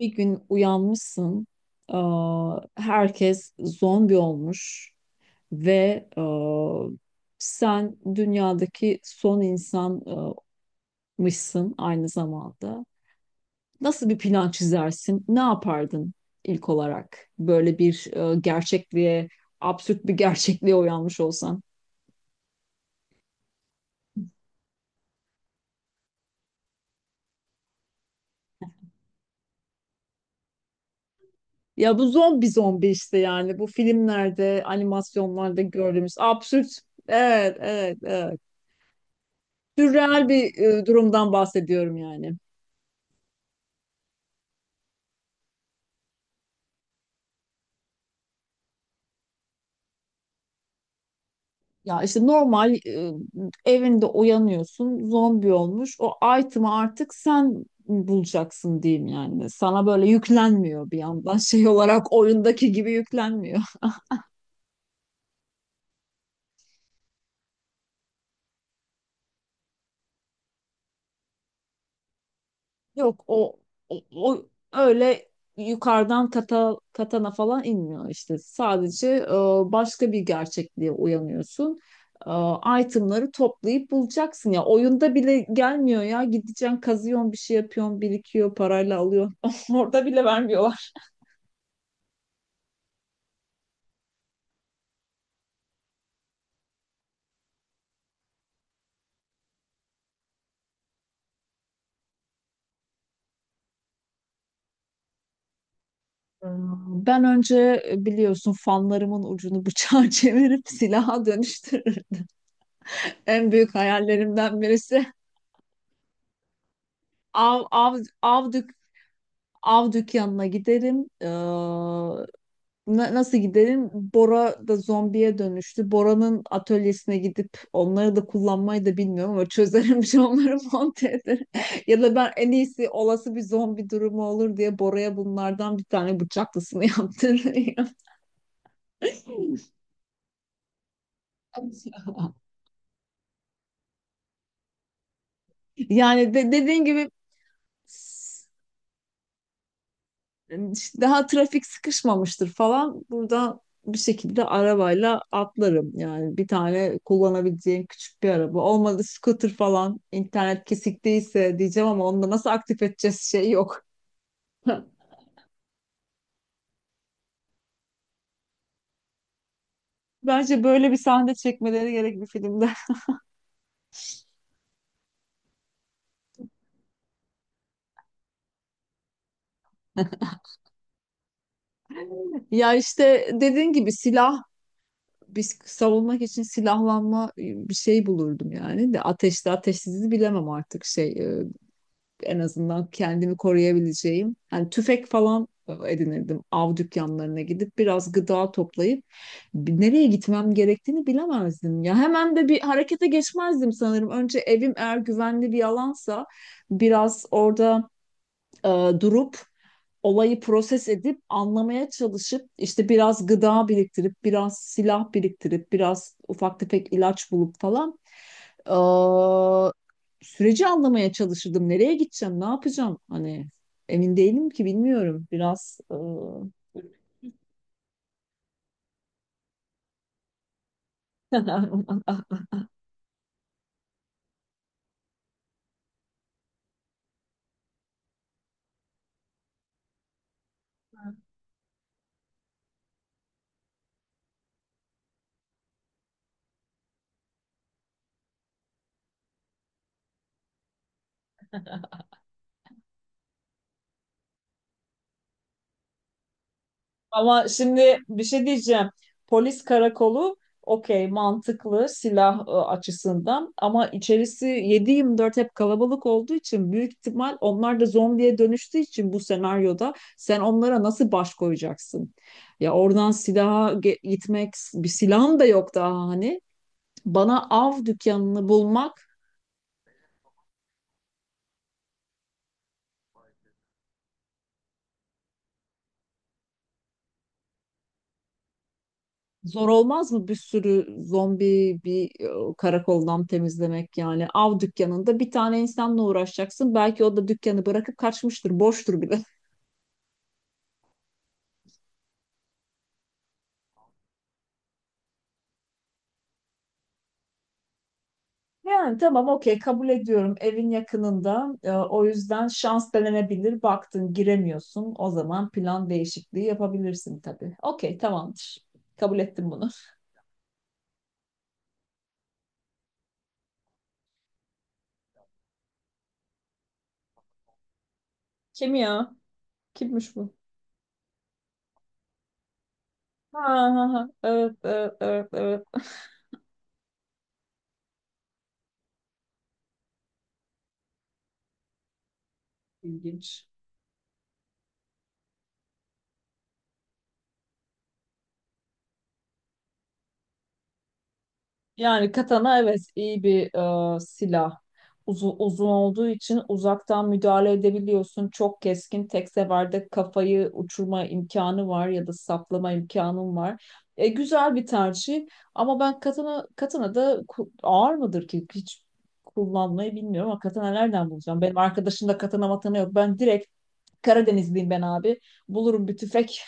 Bir gün uyanmışsın, herkes zombi olmuş ve sen dünyadaki son insanmışsın aynı zamanda. Nasıl bir plan çizersin? Ne yapardın ilk olarak? Böyle bir gerçekliğe, absürt bir gerçekliğe uyanmış olsan. Ya bu zombi işte yani bu filmlerde, animasyonlarda gördüğümüz absürt. Evet, evet, evet. Sürreal bir durumdan bahsediyorum yani. Ya işte normal evinde uyanıyorsun, zombi olmuş. O item'ı artık sen bulacaksın diyeyim yani. Sana böyle yüklenmiyor bir yandan şey olarak oyundaki gibi yüklenmiyor. Yok o öyle yukarıdan katana falan inmiyor işte. Sadece başka bir gerçekliğe uyanıyorsun. E, itemları toplayıp bulacaksın ya. Oyunda bile gelmiyor ya. Gideceksin, kazıyorsun, bir şey yapıyorsun, birikiyor, parayla alıyorsun. Orada bile vermiyorlar. Ee, Ben önce biliyorsun fanlarımın ucunu bıçağa çevirip silaha dönüştürürdüm. En büyük hayallerimden birisi av av av dük av dükkanına giderim. Nasıl giderim? Bora da zombiye dönüştü. Bora'nın atölyesine gidip onları da kullanmayı da bilmiyorum ama çözerim bir şey onları monte ederim. Ya da ben en iyisi olası bir zombi durumu olur diye Bora'ya bunlardan bir tane bıçaklısını yaptırırım. Yani dediğin gibi s- e, daha trafik sıkışmamıştır falan. Buradan bir şekilde arabayla atlarım. Yani bir tane kullanabileceğim küçük bir araba. Olmadı scooter falan. İnternet kesik değilse diyeceğim ama onu da nasıl aktif edeceğiz şey yok. Bence böyle bir sahne çekmeleri gerek bir filmde. Ya işte dediğin gibi silah biz savunmak için silahlanma bir şey bulurdum yani de ateşli ateşsizi bilemem artık şey en azından kendimi koruyabileceğim. Yani tüfek falan edinirdim. Av dükkanlarına gidip biraz gıda toplayıp nereye gitmem gerektiğini bilemezdim ya. Hemen de bir harekete geçmezdim sanırım. Önce evim eğer güvenli bir alansa biraz orada e, durup olayı proses edip anlamaya çalışıp işte biraz gıda biriktirip biraz silah biriktirip biraz ufak tefek ilaç bulup falan e, süreci anlamaya çalışırdım. Nereye gideceğim, ne yapacağım? Hani emin değilim ki bilmiyorum. Biraz e, Ama şimdi bir şey diyeceğim. Polis karakolu okey, mantıklı silah açısından ama içerisi 7 dört hep kalabalık olduğu için büyük ihtimal onlar da zombiye dönüştüğü için bu senaryoda sen onlara nasıl baş koyacaksın? Ya oradan silaha gitmek, bir silahım da yok daha hani. Bana av dükkanını bulmak zor olmaz mı? Bir sürü zombi bir karakoldan temizlemek, yani av dükkanında bir tane insanla uğraşacaksın, belki o da dükkanı bırakıp kaçmıştır, boştur bile. Yani tamam, okey, kabul ediyorum, evin yakınında. O yüzden şans denenebilir, baktın giremiyorsun, o zaman plan değişikliği yapabilirsin tabii. Okey, tamamdır, kabul ettim bunu. Kim ya? Kimmiş bu? Ha ha ha, evet, evet, evet, evet. İlginç. Yani katana evet iyi bir silah. Uzun olduğu için uzaktan müdahale edebiliyorsun. Çok keskin, tek seferde kafayı uçurma imkanı var ya da saplama imkanın var. Güzel bir tercih ama ben katana da ağır mıdır ki, hiç kullanmayı bilmiyorum. Ama katana nereden bulacağım? Benim arkadaşımda katana matana yok. Ben direkt Karadenizliyim ben abi. Bulurum bir tüfek.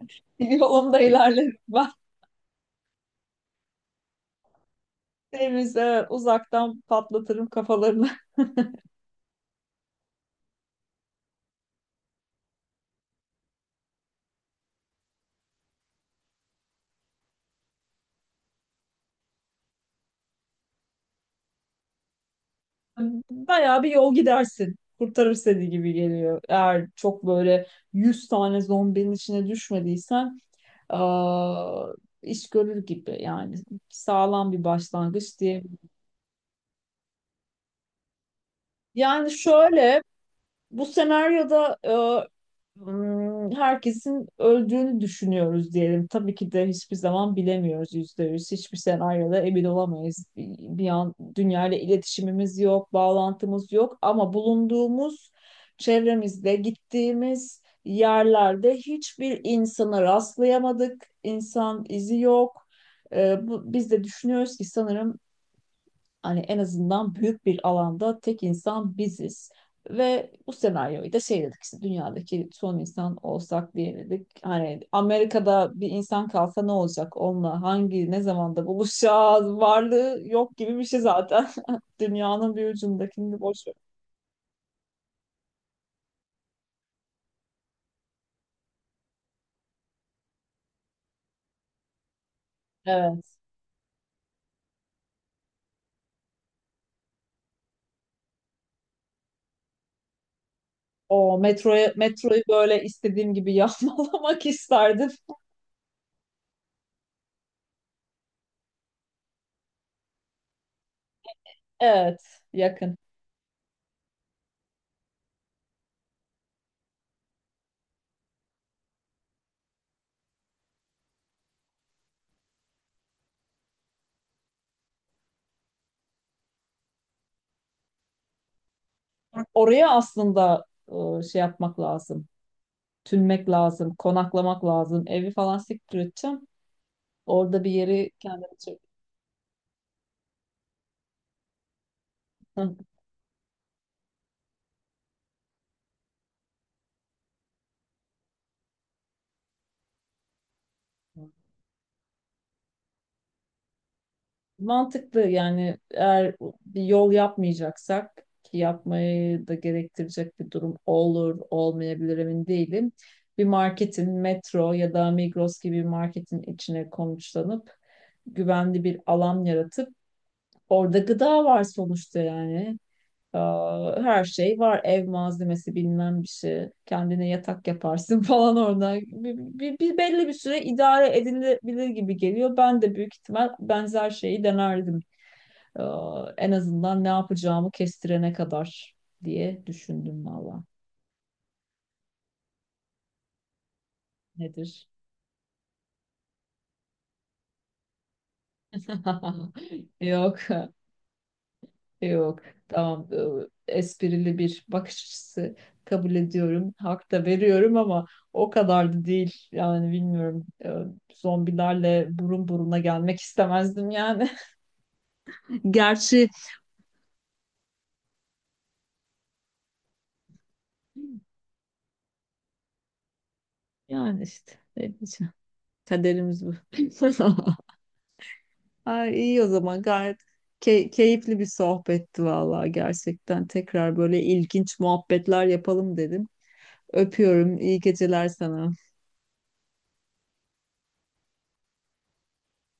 Yolumda ilerlerim. Denize uzaktan patlatırım kafalarını. Bayağı bir yol gidersin. Kurtarır seni gibi geliyor. Eğer çok böyle 100 tane zombinin içine düşmediysen aa, iş görür gibi. Yani sağlam bir başlangıç diye. Yani şöyle bu senaryoda, hmm, herkesin öldüğünü düşünüyoruz diyelim. Tabii ki de hiçbir zaman bilemiyoruz yüzde yüz. Hiçbir senaryoda emin olamayız. Bir an dünyayla iletişimimiz yok, bağlantımız yok ama bulunduğumuz çevremizde, gittiğimiz yerlerde hiçbir insana rastlayamadık. İnsan izi yok. Bu, biz de düşünüyoruz ki sanırım hani en azından büyük bir alanda tek insan biziz. Ve bu senaryoyu da şey dedik işte, dünyadaki son insan olsak diye dedik. Hani Amerika'da bir insan kalsa ne olacak, onunla hangi ne zamanda buluşacağız, varlığı yok gibi bir şey zaten. Dünyanın bir ucundakini boş ver. Evet. O metroyu böyle istediğim gibi yapmalamak isterdim. Evet, yakın. Oraya aslında şey yapmak lazım. Tünmek lazım, konaklamak lazım, evi falan siktir edeceğim. Orada bir yeri kendime çek. Mantıklı yani, eğer bir yol yapmayacaksak ki yapmayı da gerektirecek bir durum olur, olmayabilir, emin değilim. Bir marketin, Metro ya da Migros gibi bir marketin içine konuşlanıp güvenli bir alan yaratıp, orada gıda var sonuçta yani. Her şey var. Ev malzemesi bilmem bir şey. Kendine yatak yaparsın falan orada. Belli bir süre idare edilebilir gibi geliyor. Ben de büyük ihtimal benzer şeyi denerdim. En azından ne yapacağımı kestirene kadar diye düşündüm valla. Nedir? Yok. Yok, tamam. Esprili bir bakış açısı, kabul ediyorum. Hak da veriyorum ama o kadar da değil. Yani bilmiyorum. Zombilerle burun buruna gelmek istemezdim yani. Gerçi yani işte ne diyeceğim. Kaderimiz bu. Ay, iyi o zaman, gayet keyifli bir sohbetti vallahi gerçekten. Tekrar böyle ilginç muhabbetler yapalım dedim. Öpüyorum. İyi geceler sana.